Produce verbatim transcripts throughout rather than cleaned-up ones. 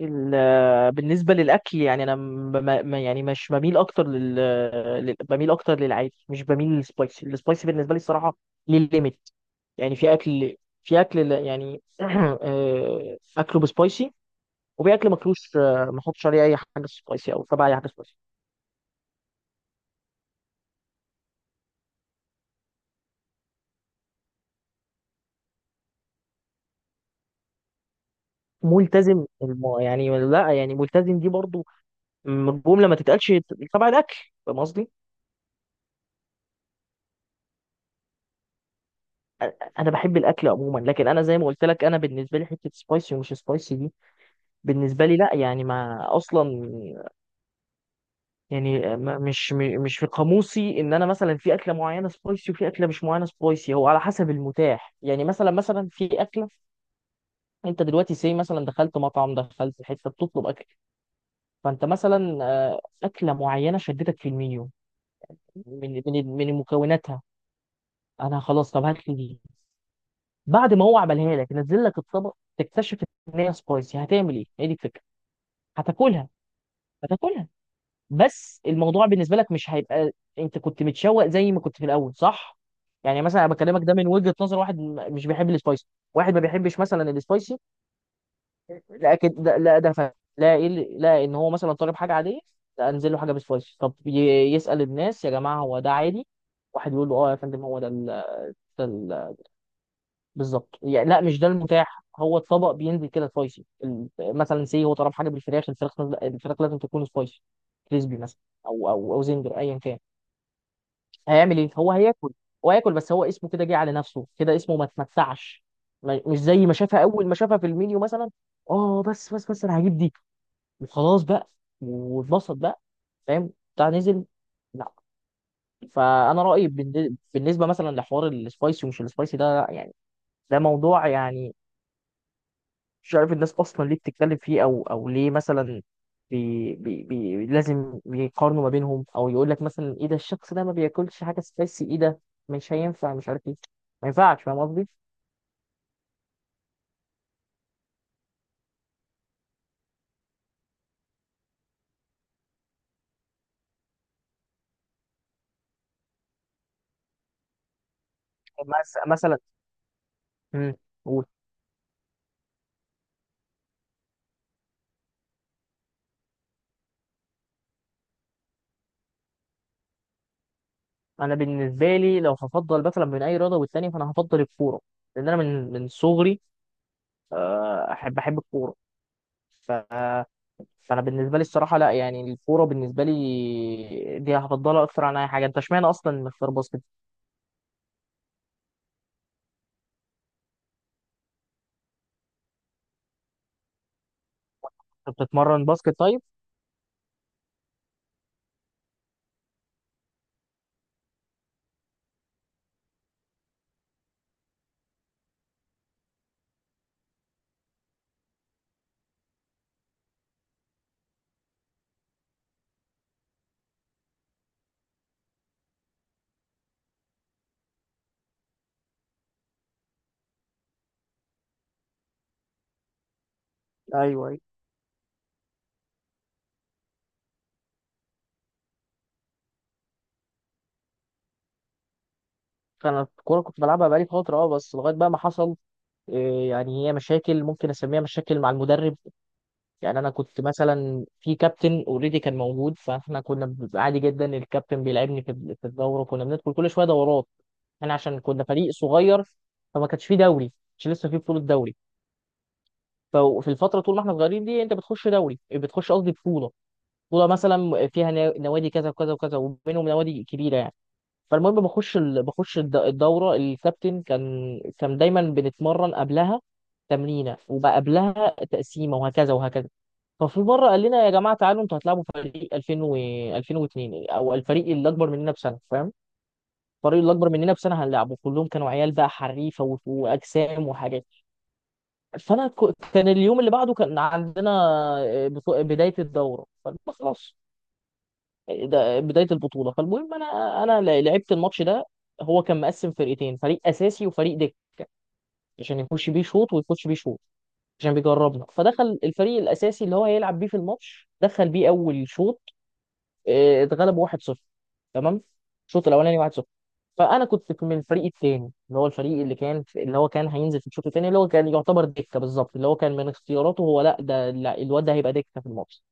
ال- بالنسبة للأكل، يعني أنا م- ما ما- يعني مش بميل أكتر لل لل- بميل أكتر للعادي، مش بميل للسبايسي. السبايسي بالنسبة لي الصراحة للليميت. يعني في أكل في أكل لا- يعني آه، أكله بسبايسي، وفي أكل ماكلوش. آه، ما أحطش عليه أي حاجة سبايسي أو تبع أي حاجة سبايسي. ملتزم الم... يعني لا، يعني ملتزم دي برضو م- جملة ما تتقالش تبع الأكل. فاهم قصدي؟ أ- أنا بحب الأكل عموما، لكن أنا زي ما قلت لك، أنا بالنسبة لي حتة سبايسي ومش سبايسي دي بالنسبة لي لا. يعني ما أصلا يعني ما- مش م- مش في قاموسي إن أنا مثلا في أكلة معينة سبايسي وفي أكلة مش معينة سبايسي. هو على حسب المتاح. يعني مثلا مثلا في أكلة، أنت دلوقتي سي مثلا دخلت مطعم، دخلت حتة بتطلب أكل، فأنت مثلا آه، أكلة معينة شدتك في المنيو، من من من مكوناتها. أنا خلاص، طب هات لي دي. بعد ما هو عملها لك، نزل لك الطبق، تكتشف إن هي سبايسي. هتعمل إيه؟ هي دي الفكرة. هتاكلها. هتاكلها، بس الموضوع بالنسبه لك مش هيبقى انت كنت متشوق زي ما كنت في الاول، صح؟ يعني مثلا انا بكلمك ده من وجهه نظر واحد م- مش بيحب السبايسي، واحد ما بيحبش مثلا السبايسي. لكن ده لا، ده فاهم. لا، ايه اللي- لا، ان هو مثلا طالب حاجه عاديه، لا انزل له حاجه بسبايسي. طب ي- يسال الناس يا جماعه هو ده عادي؟ واحد يقول له اه يا فندم هو ده ال... ده ال... بالظبط. يعني لا، مش ده المتاح. هو الطبق بينزل كده سبايسي. ال- مثلا سي هو طلب حاجه بالفراخ. الفراخ، الفراخ لازم تكون سبايسي، كريسبي مثلا، او او او زنجر ايا كان. هيعمل ايه؟ هو هياكل. هو هياكل، بس هو اسمه كده، جه على نفسه كده، اسمه ما اتمتعش. ما- مش زي ما شافها اول ما شافها في المنيو مثلا. اه، بس بس بس انا هجيب دي وخلاص بقى، واتبسط بقى. فاهم بتاع نزل؟ لا. فانا رايي بالن- بالنسبه مثلا لحوار السبايسي ومش السبايسي ده، يعني ده موضوع، يعني مش عارف الناس اصلا ليه بتتكلم فيه، او او ليه مثلا بي بي بي لازم يقارنوا ما بينهم، او يقول لك مثلا ايه ده، الشخص ده ما بياكلش حاجه سبايسي، ايه ده، مش هينفع، مش عارف ايه، ما ينفعش. فاهم قصدي؟ مس- مثلا. امم. قول. انا بالنسبه لي لو هفضل مثلا بين اي رياضه والتانيه، فانا هفضل الكوره، لان انا من من صغري آه، احب احب الكوره. ف فانا بالنسبه لي الصراحه لا، يعني الكوره بالنسبه لي دي هفضلها اكتر عن اي حاجه. انت اشمعنى اصلا مختار باسكت؟ أنت بتتمرن باسكت طيب؟ ايوه ايوه فانا الكوره كنت بلعبها بقالي فتره، اه، بس لغايه بقى ما حصل إيه، يعني هي مشاكل، ممكن اسميها مشاكل مع المدرب. يعني انا كنت مثلا في كابتن اوريدي كان موجود، فاحنا كنا بنبقى عادي جدا. الكابتن بيلعبني في في الدوره، كنا بندخل كل شويه دورات احنا عشان كنا فريق صغير. فما كانش فيه دوري، مش لسه فيه بطوله دوري. ففي الفتره طول ما احنا صغيرين دي، انت بتخش دوري، بتخش قصدي بطوله. بطوله مثلا فيها نا- نوادي كذا وكذا وكذا، وبينهم نوادي كبيره يعني. فالمهم بخش ال... بخش الد- الدوره. الكابتن كان كان دايما بنتمرن قبلها تمرينه، وبقى قبلها تقسيمه، وهكذا وهكذا. ففي مره قال لنا يا جماعه تعالوا انتوا هتلعبوا فريق ألفين و ألفين واثنين، او الفريق اللي اكبر مننا بسنه، فاهم، الفريق اللي اكبر مننا بسنه هنلعبه. كلهم كانوا عيال بقى حريفه و... واجسام وحاجات. فانا ك... كان اليوم اللي بعده كان عندنا آه، بطو- بدايه الدوره. فقلنا خلاص، ده بدايه البطوله. فالمهم انا، انا ل- لعبت الماتش ده. هو كان مقسم فرقتين، فريق اساسي وفريق دك، عشان يخش بيه شوط ويخش بيه شوط، عشان بيجربنا. فدخل الفريق الاساسي اللي هو هيلعب بيه في الماتش، دخل بيه اول شوط. آه، اتغلب واحد صفر. تمام. الشوط الاولاني واحد صفر. فانا كنت في- من الفريق الثاني، اللي هو الفريق اللي كان، اللي هو كان هينزل في الشوط الثاني، اللي هو كان يعتبر دكه بالظبط، اللي هو كان من اختياراته هو، لا ده، لا، الواد ده هيبقى دكه في الماتش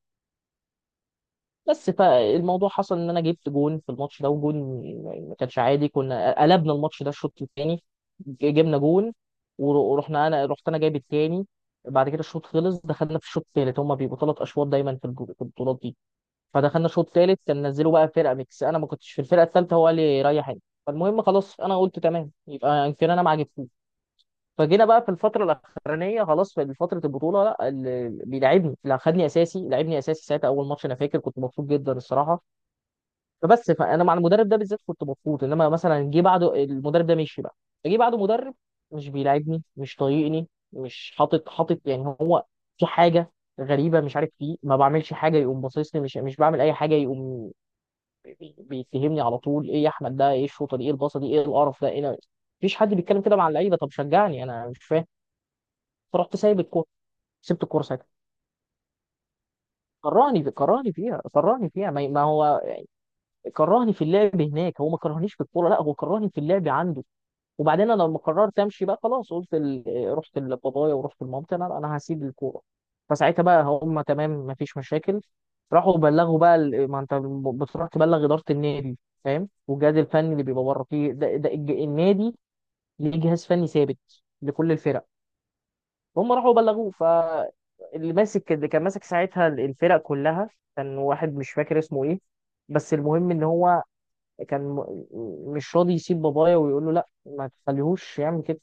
بس. فالموضوع حصل ان انا جبت جون في الماتش ده، وجون ما كانش عادي. كنا قلبنا الماتش ده الشوط الثاني، جبنا جون ور- ورحنا، انا رحت انا جايب الثاني. بعد كده الشوط خلص، دخلنا في الشوط الثالث، هما بيبقوا ثلاث اشواط دايما في البو- في البطولات دي. فدخلنا الشوط الثالث، كان نزلوا بقى فرقه ميكس. انا ما كنتش في الفرقه الثالثه، هو قال لي ريح انت. فالمهم خلاص، انا قلت تمام، يبقى يمكن انا ما عجبتوش. فجينا بقى في الفتره الاخرانيه، خلاص في فتره البطوله، لا اللي بيلعبني، لا خدني اساسي، لعبني اساسي ساعتها. اول ماتش انا فاكر كنت مبسوط جدا الصراحه. فبس فانا مع المدرب ده بالذات كنت مبسوط، انما مثلا جه بعده، المدرب ده مشي بقى، جه بعده مدرب مش بيلاعبني، مش طايقني، مش حاطط حاطط يعني. هو في حاجه غريبه مش عارف فيه. ما بعملش حاجه يقوم باصصني، مش مش بعمل اي حاجه يقوم بي- بيتهمني على طول. ايه يا احمد ده، ايه الشوطه دي، ايه الباصه دي، ايه القرف ده، ايه ده؟ مفيش حد بيتكلم كده مع اللعيبه. طب شجعني، انا مش فاهم. فرحت سايب الكوره. سبت الكوره ساعتها. كرهني كرهني فيها، كرهني فيها. ما ما هو كرهني في اللعب هناك، هو ما كرهنيش في الكوره، لا هو كرهني في اللعب عنده. وبعدين انا لما قررت امشي بقى، خلاص قلت ال... رحت لبابايا ورحت لمامتي، انا انا هسيب الكوره. فساعتها بقى هم تمام، مفيش مشاكل. راحوا بلغوا بقى ال- ما انت بتروح تبلغ اداره النادي، فاهم، والجهاز الفني اللي بيبقى بره فيه ده، ده الج- النادي ليه جهاز فني ثابت لكل الفرق. هم راحوا بلغوه ف اللي ماسك، اللي كان ماسك ساعتها الفرق كلها، كان واحد مش فاكر اسمه ايه، بس المهم ان هو كان م- مش راضي يسيب بابايا، ويقول له لا ما تخليهوش يعمل كده،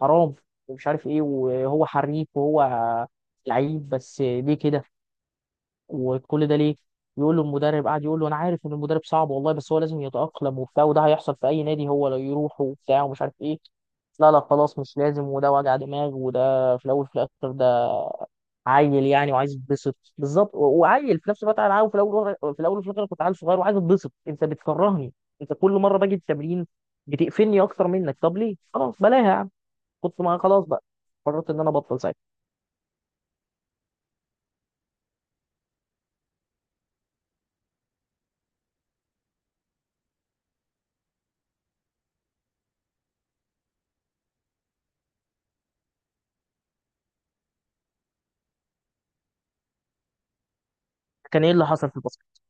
حرام، ومش عارف ايه، وهو حريف وهو لعيب، بس ليه كده، وكل ده ليه. يقول له المدرب، قاعد يقول له انا عارف ان المدرب صعب والله، بس هو لازم يتأقلم وبتاع، وده هيحصل في اي نادي هو لو يروح وبتاع، ومش عارف ايه. لا لا خلاص، مش لازم، وده وجع دماغ، وده في الاول في الاخر ده عيل يعني وعايز يتبسط بالظبط، و- وعيل في نفس الوقت. انا عاوز في الاول وغ- في الاول وفي الاخر كنت عيل صغير وعايز اتبسط، انت بتكرهني. انت كل مره باجي التمرين بتقفلني اكتر منك. طب ليه، خلاص بلاها يا عم. كنت ما خلاص بقى، قررت ان انا ابطل ساعتها. كان ايه اللي حصل في الباسكت؟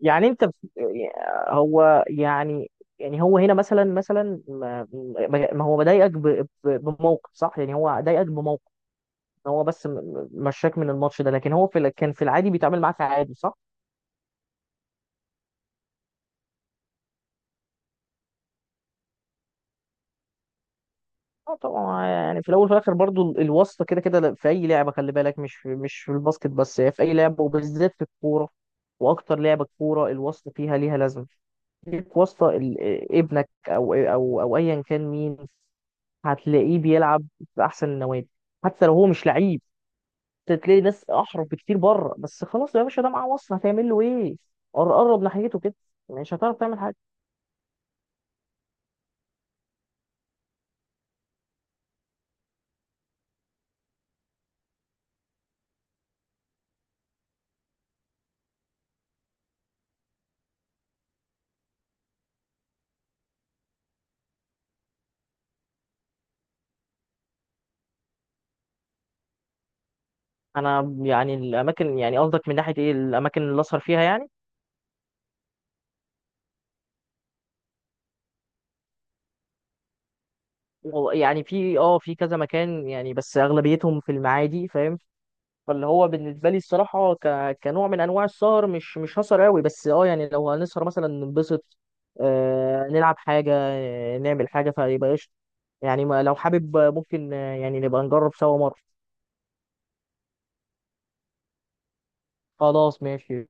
يعني انت بت- هو يعني يعني هو هنا مثلا مثلا ما, ما هو بضايقك ب- ب- بموقف، صح؟ يعني هو ضايقك بموقف، هو بس م- مشاك من الماتش ده، لكن هو في ال- كان في العادي بيتعامل معاك عادي، صح؟ اه طبعا، آه يعني في الاول وفي الاخر برضو ال- الواسطه كده كده في اي لعبه، خلي بالك مش في مش في الباسكت بس، هي في اي لعبه، وبالذات في الكوره، واكتر لعبه كوره الواسطه فيها ليها لازمه. ليك واسطه، ال- ابنك او او او ايا كان مين، هتلاقيه بيلعب في احسن النوادي حتى لو هو مش لعيب. تلاقي ناس احرف بكتير بره، بس خلاص يا باشا ده معاه، وصل هتعمل له ايه. قر- قرب ناحيته كده، مش هتعرف تعمل حاجه. انا يعني الاماكن، يعني قصدك من ناحيه ايه، الاماكن اللي اسهر فيها يعني؟ والله يعني في اه في كذا مكان، يعني بس اغلبيتهم في المعادي، فاهم. فاللي هو بالنسبه لي الصراحه ك... كنوع من انواع السهر، مش مش هسهر قوي، بس اه يعني لو هنسهر مثلا ننبسط، آه نلعب حاجه، آه نعمل حاجه، فيبقى قشطه. يعني ما لو حابب ممكن، آه، يعني نبقى نجرب سوا مره. خلاص ماشي.